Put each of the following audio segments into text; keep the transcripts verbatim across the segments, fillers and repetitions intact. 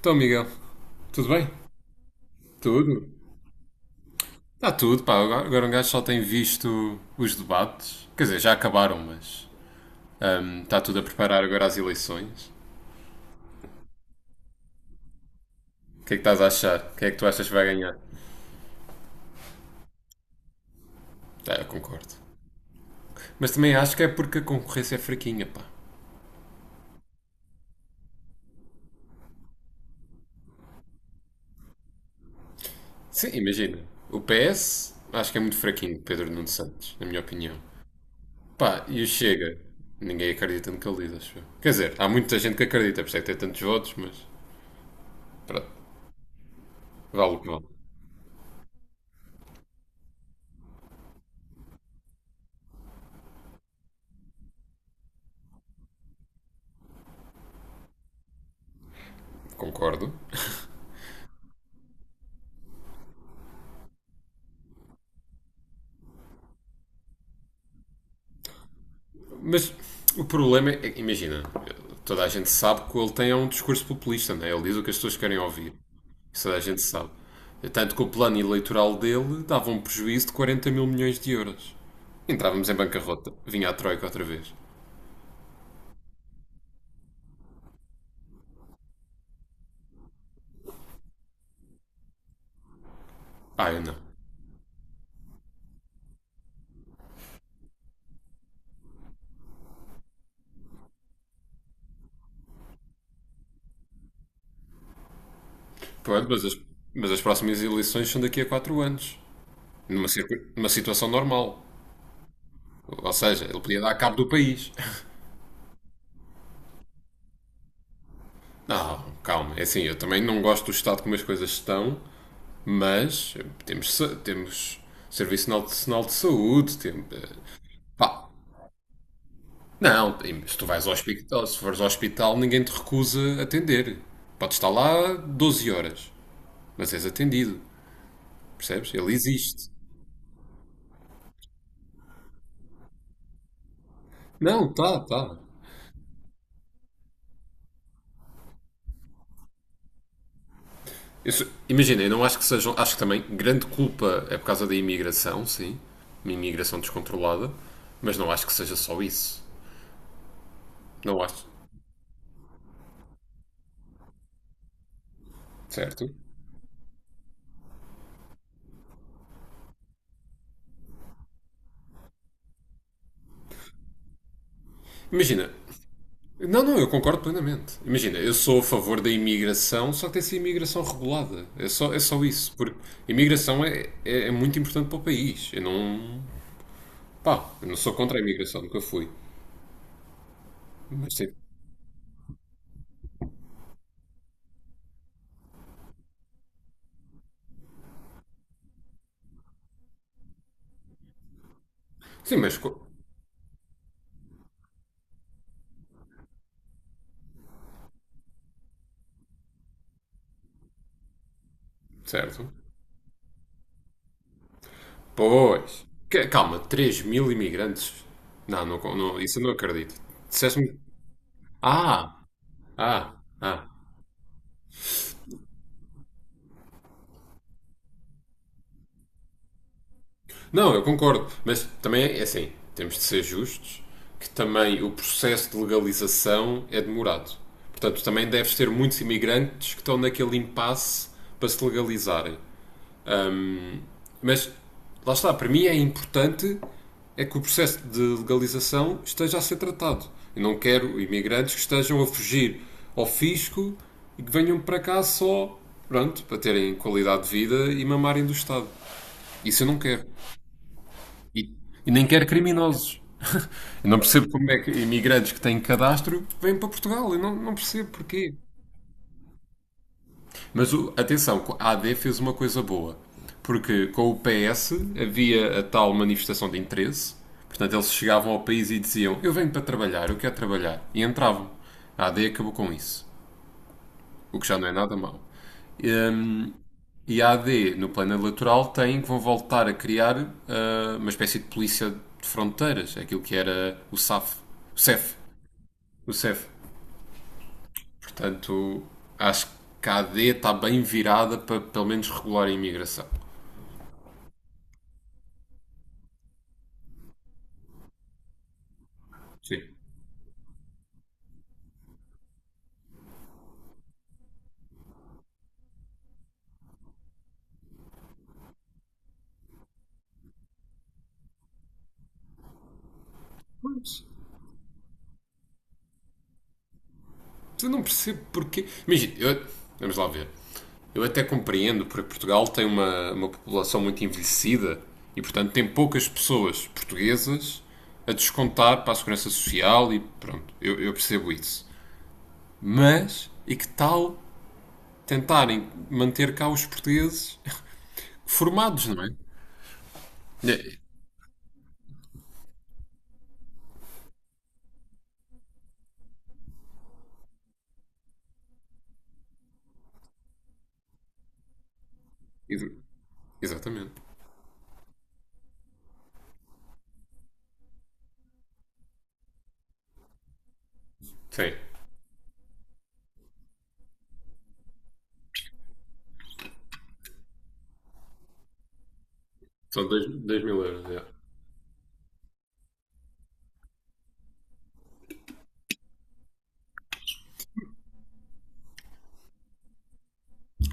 Então, Miguel, tudo bem? Tudo? Está tudo, pá. Agora agora um gajo só tem visto os debates. Quer dizer, já acabaram, mas hum, está tudo a preparar agora as eleições. O que é que estás a achar? Quem é que tu achas que vai ganhar? Ah, eu concordo. Mas também acho que é porque a concorrência é fraquinha, pá. Sim, imagina. O P S acho que é muito fraquinho, Pedro Nuno Santos, na minha opinião. Pá, e o Chega? Ninguém acredita no que ele diz, acho eu. Quer dizer, há muita gente que acredita, por isso é que tem tantos votos, mas pronto, vale o que vale. Concordo. Mas o problema é, imagina, toda a gente sabe que o ele tem é um discurso populista, não é? Ele diz o que as pessoas querem ouvir. Isso toda a gente sabe. Tanto que o plano eleitoral dele dava um prejuízo de quarenta mil milhões de euros. Entrávamos em bancarrota. Vinha a Troika outra vez. Ah, eu não. Pronto, mas as, mas as próximas eleições são daqui a quatro anos. Numa, circu- numa situação normal. Ou seja, ele podia dar cabo do país. Não, calma. É assim, eu também não gosto do estado como as coisas estão. Mas temos, temos Serviço Nacional de Saúde, tem- eh, pá, não, se tu vais ao hospital, se fores ao hospital, ninguém te recusa atender. Podes estar lá doze horas, mas és atendido, percebes? Ele existe. Não, tá, tá. Eu sou- imagina, eu não acho que sejam, acho que também grande culpa é por causa da imigração, sim, uma imigração descontrolada, mas não acho que seja só isso. Não acho. Certo? Imagina, não, não, eu concordo plenamente. Imagina, eu sou a favor da imigração, só que tem que ser imigração regulada. É só, é só isso. Porque a imigração é, é, é muito importante para o país. Eu não. Pá, eu não sou contra a imigração, nunca fui. Mas sim. Sim, mas. co- Certo. Pois. Ca- Calma, três mil imigrantes? Não, não, con- não, isso eu não acredito. Disseste-me. Ah! Ah! Ah! Não, eu concordo, mas também é assim, temos de ser justos que também o processo de legalização é demorado. Portanto, também deves ter muitos imigrantes que estão naquele impasse para se legalizarem. Mas lá está, para mim é importante é que o processo de legalização esteja a ser tratado. Eu não quero imigrantes que estejam a fugir ao fisco e que venham para cá só, pronto, para terem qualidade de vida e mamarem do Estado. Isso eu não quero. E, e nem quer criminosos. Eu não percebo como é que imigrantes que têm cadastro vêm para Portugal. Eu não, não percebo porquê. Mas o- atenção, a AD fez uma coisa boa. Porque com o P S havia a tal manifestação de interesse. Portanto, eles chegavam ao país e diziam: eu venho para trabalhar, eu quero trabalhar. E entravam. A AD acabou com isso. O que já não é nada mau. Hum, E a AD, no plano eleitoral, tem que vão voltar a criar ah, uma espécie de polícia de fronteiras. É aquilo que era o S A F. O C E F. O CEF. Portanto, acho que a AD está bem virada para pelo menos regular a imigração. Sim. Mas eu não percebo porquê. Imagina, eu- vamos lá ver. Eu até compreendo, porque Portugal tem uma, uma população muito envelhecida e, portanto, tem poucas pessoas portuguesas a descontar para a segurança social e pronto, eu, eu percebo isso. Mas, e que tal tentarem manter cá os portugueses formados, não é? É, Ex- exatamente. Sim. São dois mil euros. É.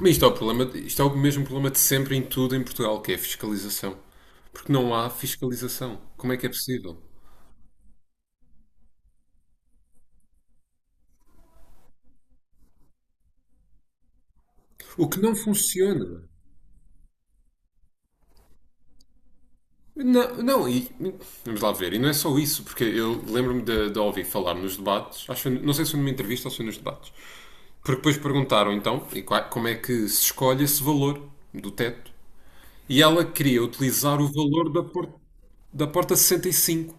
Mas isto é, o problema, isto é o mesmo problema de sempre em tudo em Portugal, que é a fiscalização. Porque não há fiscalização. Como é que é possível? O que não funciona. Não, é? Não, e vamos lá ver, e não é só isso, porque eu lembro-me de, de ouvir falar nos debates, acho que foi- não sei se foi numa entrevista ou se foi nos debates, porque depois perguntaram então e qua- como é que se escolhe esse valor do teto. E ela queria utilizar o valor da, por- da porta sessenta e cinco.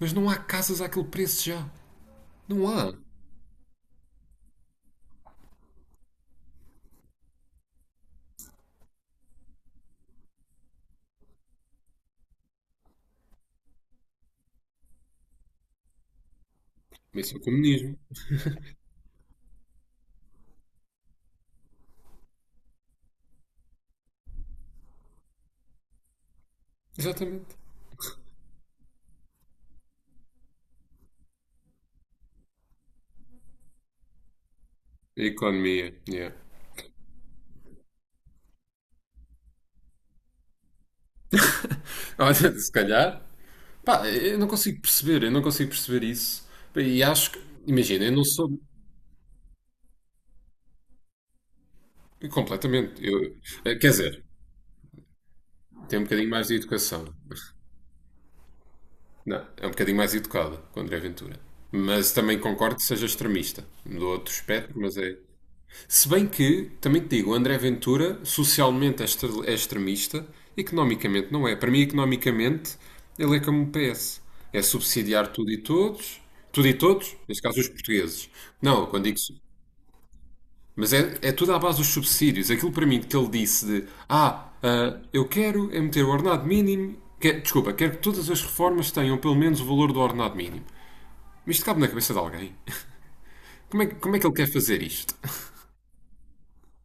Mas não há casas àquele preço já. Não há. Isso é o comunismo. Exatamente. A economia. Yeah. Olha, se calhar. Pá, eu não consigo perceber. Eu não consigo perceber isso. E acho que. Imagina, eu não sou. Completamente. Eu, eh, quer dizer, tenho um bocadinho mais de educação. Não, é um bocadinho mais educada que o André Ventura. Mas também concordo que seja extremista. Do outro espectro, mas é. Se bem que, também te digo, o André Ventura socialmente é extre- é extremista, economicamente não é. Para mim, economicamente, ele é como o P S. É subsidiar tudo e todos, tudo e todos, neste caso os portugueses. Não, quando digo. su- Mas é, é tudo à base dos subsídios. Aquilo para mim que ele disse de ah, ah, eu quero é meter o ordenado mínimo. Que- desculpa, quero que todas as reformas tenham pelo menos o valor do ordenado mínimo. Mas isto cabe na cabeça de alguém. Como é, que- como é que ele quer fazer isto?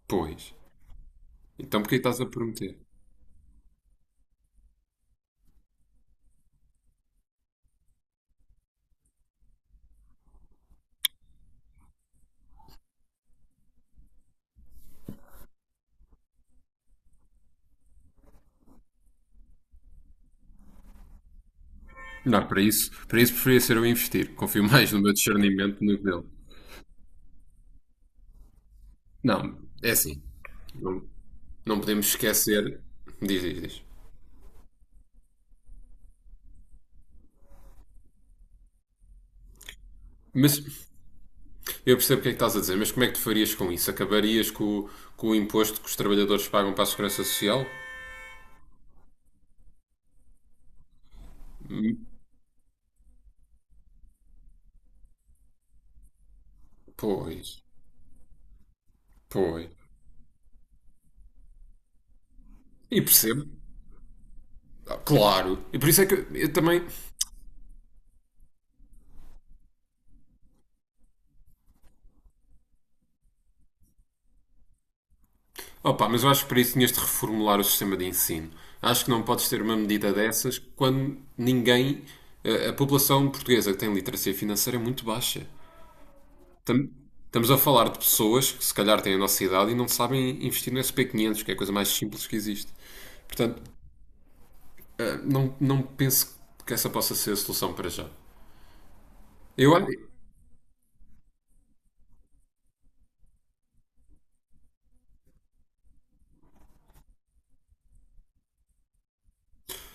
Pois. Então porquê estás a prometer? Não, para isso, para isso preferia ser eu a investir. Confio mais no meu discernimento do que dele. Não, é assim. Não, não podemos esquecer. Diz, diz, diz. Mas eu percebo o que é que estás a dizer, mas como é que tu farias com isso? Acabarias com, o- com o imposto que os trabalhadores pagam para a segurança social? Pois, pois. E percebo. Ah, claro. E por isso é que eu, eu também. Opa, mas eu acho que para isso tinhas de reformular o sistema de ensino. Acho que não podes ter uma medida dessas quando ninguém. A, a população portuguesa que tem literacia financeira é muito baixa. Tam- Estamos a falar de pessoas que se calhar têm a nossa idade e não sabem investir no S P quinhentos, que é a coisa mais simples que existe. Portanto, não, não penso que essa possa ser a solução para já. Eu acho.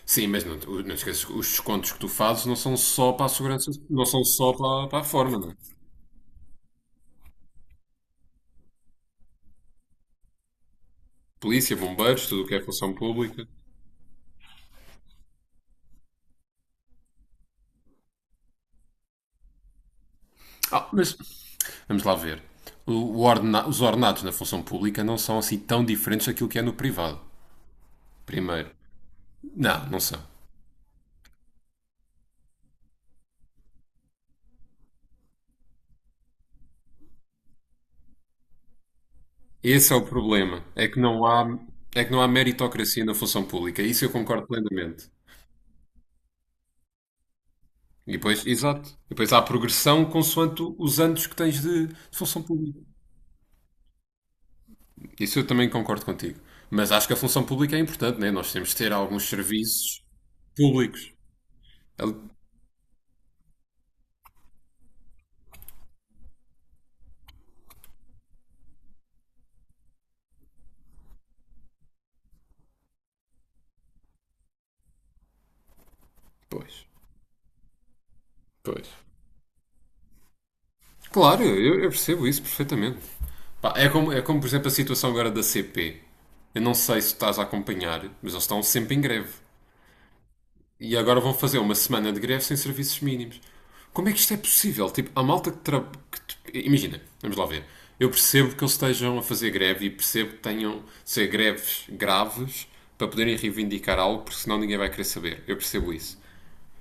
Sim, mas não, não esqueças que os descontos que tu fazes não são só para a segurança, não são só para, para a forma, não é? Polícia, bombeiros, tudo o que é função pública. Ah, mas vamos lá ver. O- o ordena- os ordenados na função pública não são assim tão diferentes daquilo que é no privado. Primeiro. Não, não são. Esse é o problema. É que não há, é que não há meritocracia na função pública. Isso eu concordo plenamente. E depois, exato. E depois há progressão consoante os anos que tens de, de função pública. Isso eu também concordo contigo. Mas acho que a função pública é importante, né? Nós temos de ter alguns serviços públicos. Ali- Pois, pois. Claro, eu, eu percebo isso perfeitamente. Pá, é como, é como, por exemplo, a situação agora da C P. Eu não sei se estás a acompanhar, mas eles estão sempre em greve. E agora vão fazer uma semana de greve sem serviços mínimos. Como é que isto é possível? Tipo, a malta que, tra... que t- imagina, vamos lá ver. Eu percebo que eles estejam a fazer greve e percebo que tenham de ser greves graves para poderem reivindicar algo, porque senão ninguém vai querer saber. Eu percebo isso.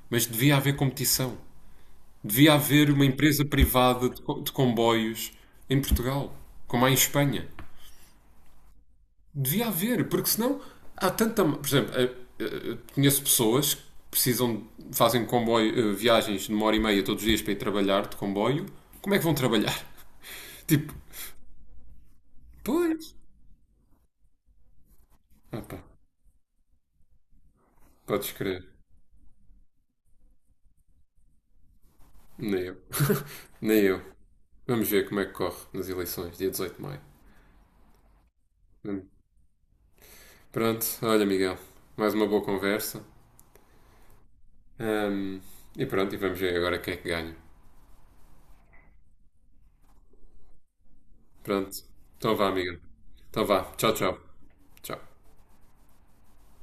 Mas devia haver competição. Devia haver uma empresa privada de co- de comboios em Portugal, como há em Espanha. Devia haver, porque senão há tanta. Por exemplo, eh, eh, eh, conheço pessoas que precisam, fazem comboio, eh, viagens de uma hora e meia todos os dias para ir trabalhar de comboio. Como é que vão trabalhar? Tipo, pois. Ah, pá, podes crer. Nem eu. Nem eu. Vamos ver como é que corre nas eleições, dia dezoito de maio. Hum. Pronto, olha, Miguel, mais uma boa conversa. Hum, e pronto, e vamos ver agora quem é que ganha. Pronto. Então vá, amiga. Então vá. Tchau, tchau. Tchau.